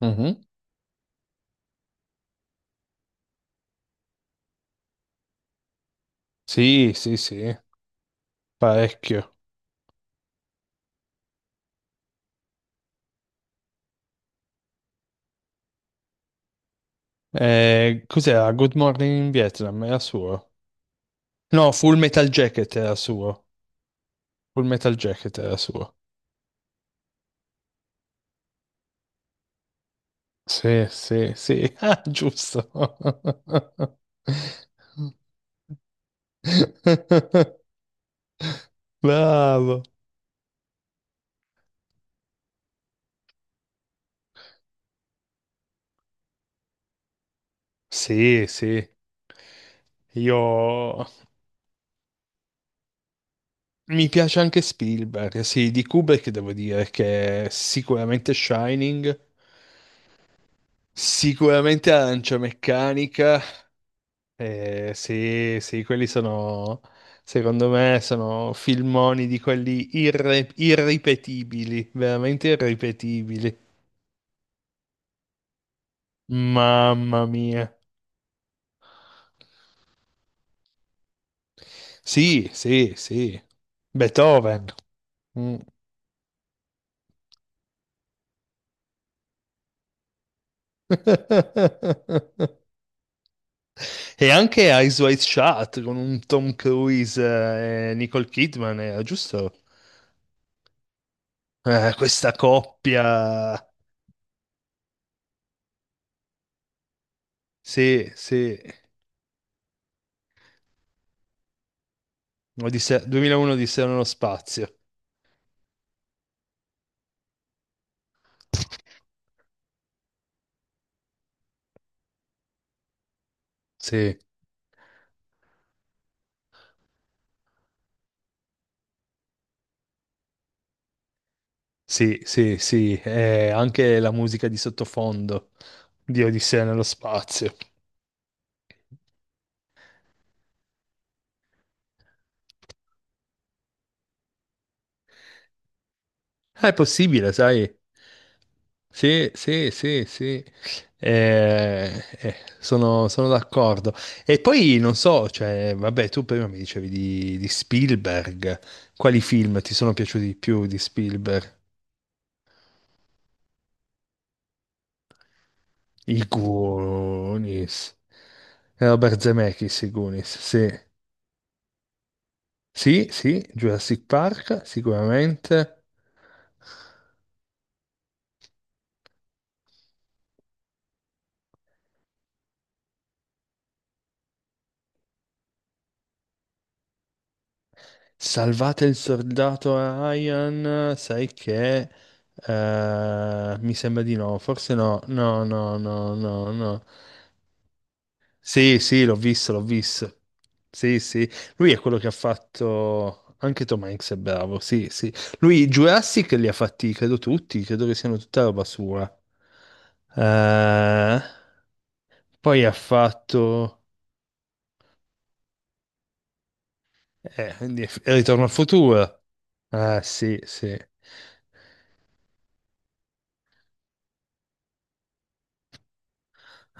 Mhm. Sì, sì, sì, parecchio. Cos'era? Good Morning in Vietnam era suo. No, Full Metal Jacket era suo. Full Metal Jacket era suo. Sì, sì, sì. Ah, giusto. Bravo. Sì, sì. Io mi piace anche Spielberg, sì, di Kubrick devo dire che sicuramente Shining. Sicuramente Arancia Meccanica, sì, sì, quelli sono, secondo me, sono filmoni di quelli irripetibili, veramente irripetibili. Mamma mia. Sì, sì, sì. Beethoven. Mm. E anche Eyes Wide Shut con un Tom Cruise e Nicole Kidman, era giusto? Questa coppia. Sì, sì. 2001 Odissea nello spazio. Sì, sì, sì, sì, e anche la musica di sottofondo di Odissea nello spazio. Ah, è possibile, sai? Sì, sì, sì, sì. Sono d'accordo. E poi non so, cioè, vabbè, tu prima mi dicevi di Spielberg. Quali film ti sono piaciuti di più di Spielberg? I Goonies. Robert Zemeckis, i Goonies, sì. Sì, sì, Jurassic Park, sicuramente. Salvate il soldato Ryan, sai che mi sembra di no, forse no, no, no, no, no, no. Sì, sì, l'ho visto, l'ho visto. Sì, sì. Lui è quello che ha fatto. Anche Tom Hanks è bravo, sì, sì. Lui Jurassic li ha fatti, credo tutti, credo che siano tutta roba sua. Eh, poi ha fatto. Quindi Ritorno al futuro. Ah, sì, sì.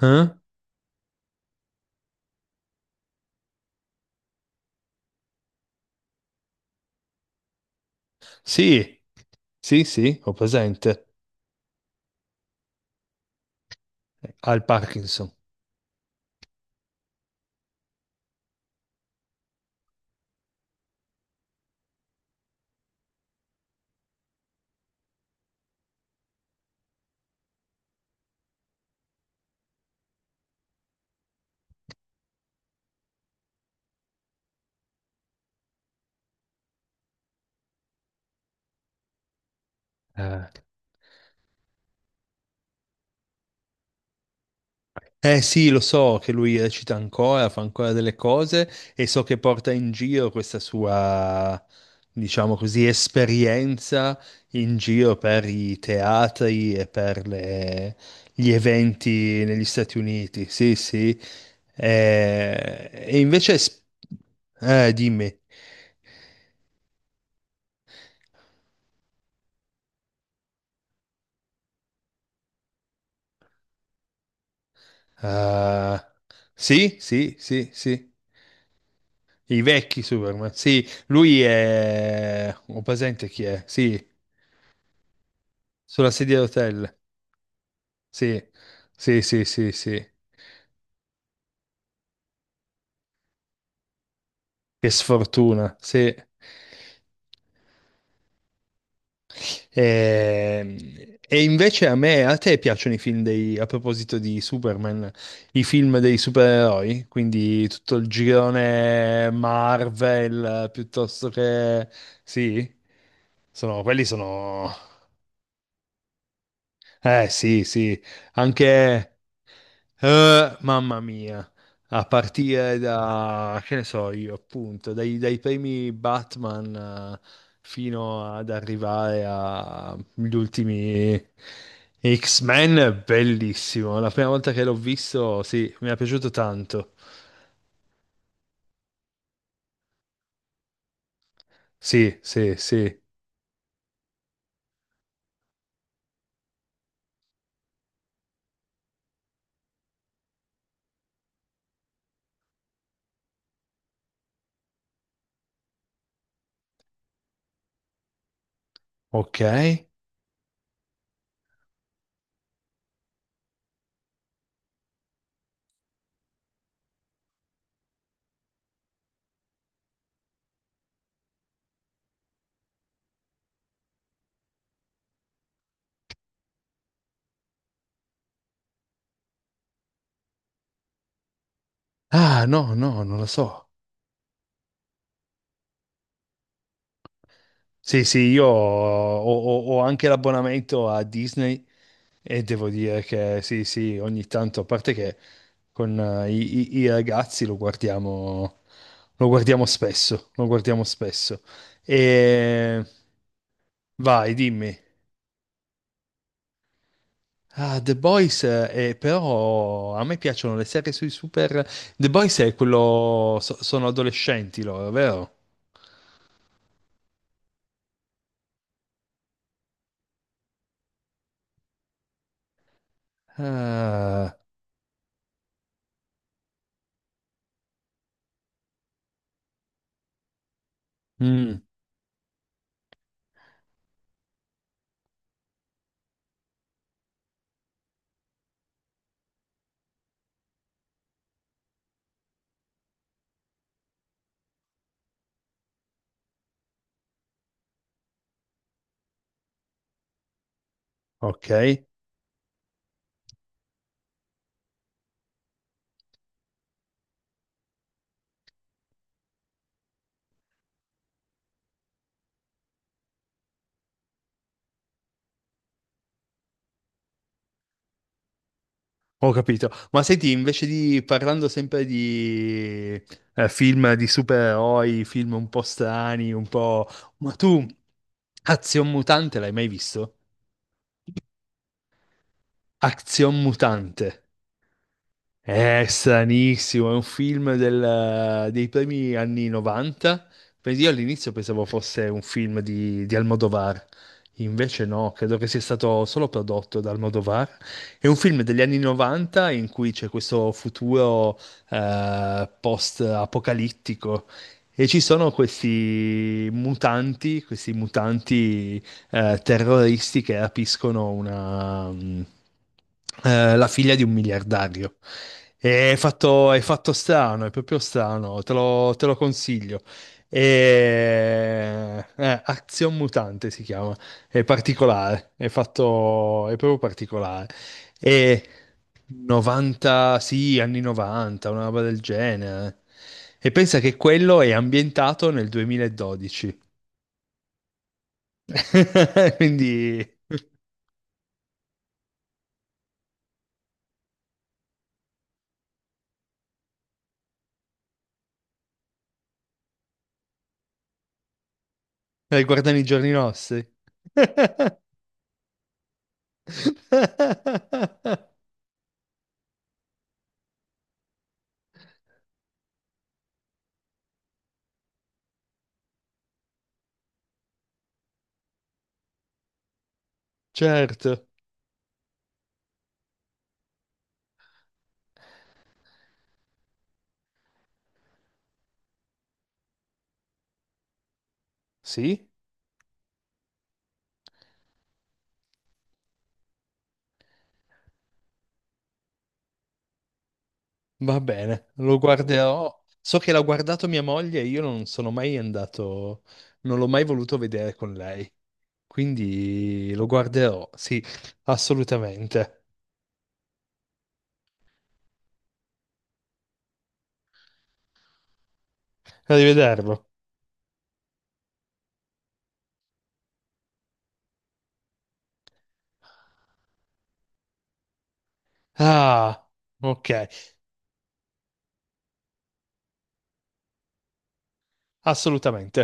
Eh? Sì, sì, sì, ho presente. Al Parkinson. Eh. Eh sì, lo so che lui recita ancora, fa ancora delle cose e so che porta in giro questa sua, diciamo così, esperienza in giro per i teatri e per gli eventi negli Stati Uniti. Sì, sì. E invece. Dimmi. Ah, sì, sì, sì, sì. I vecchi Superman. Sì, lui è. Ho presente chi è? Sì. Sulla sedia a rotelle. Sì, sì, sì, sì, sì. Che sfortuna, sì. E invece a te piacciono i film dei, a proposito di Superman, i film dei supereroi? Quindi tutto il girone Marvel, piuttosto che. Sì? Quelli sono. Eh sì, sì. Anche. Mamma mia, a partire da, che ne so io, appunto, dai, dai primi Batman eh, fino ad arrivare agli ultimi X-Men, è bellissimo. La prima volta che l'ho visto, sì, mi è piaciuto tanto. Sì, sì, sì. Ok. Ah, no, no, non lo so. Sì, sì, io ho, ho anche l'abbonamento a Disney. E devo dire che sì, sì, ogni tanto, a parte che con i ragazzi lo guardiamo spesso, lo guardiamo spesso. E vai, dimmi. Ah, The Boys, però a me piacciono le serie sui super. The Boys è quello. Sono adolescenti loro, vero? Ah, mm, ok. Ho capito. Ma senti, invece di parlando sempre di film di supereroi, film un po' strani, un po'. Ma tu, Azion Mutante l'hai mai visto? Azion Mutante. È stranissimo, è un film dei primi anni 90. Quindi io all'inizio pensavo fosse un film di, Almodovar, invece no, credo che sia stato solo prodotto da Almodovar. È un film degli anni 90 in cui c'è questo futuro post-apocalittico e ci sono questi mutanti terroristi che rapiscono la figlia di un miliardario. È fatto, strano, è proprio strano, te lo consiglio. Azion Mutante si chiama, è particolare, è fatto, è proprio particolare. E 90, sì, anni 90, una roba del genere. E pensa che quello è ambientato nel 2012. Quindi. Guardano i giorni nostri. Certo, sì, va bene, lo guarderò. So che l'ha guardato mia moglie e io non sono mai andato, non l'ho mai voluto vedere con lei. Quindi lo guarderò, sì, assolutamente. Arrivederlo. Ah, ok, assolutamente.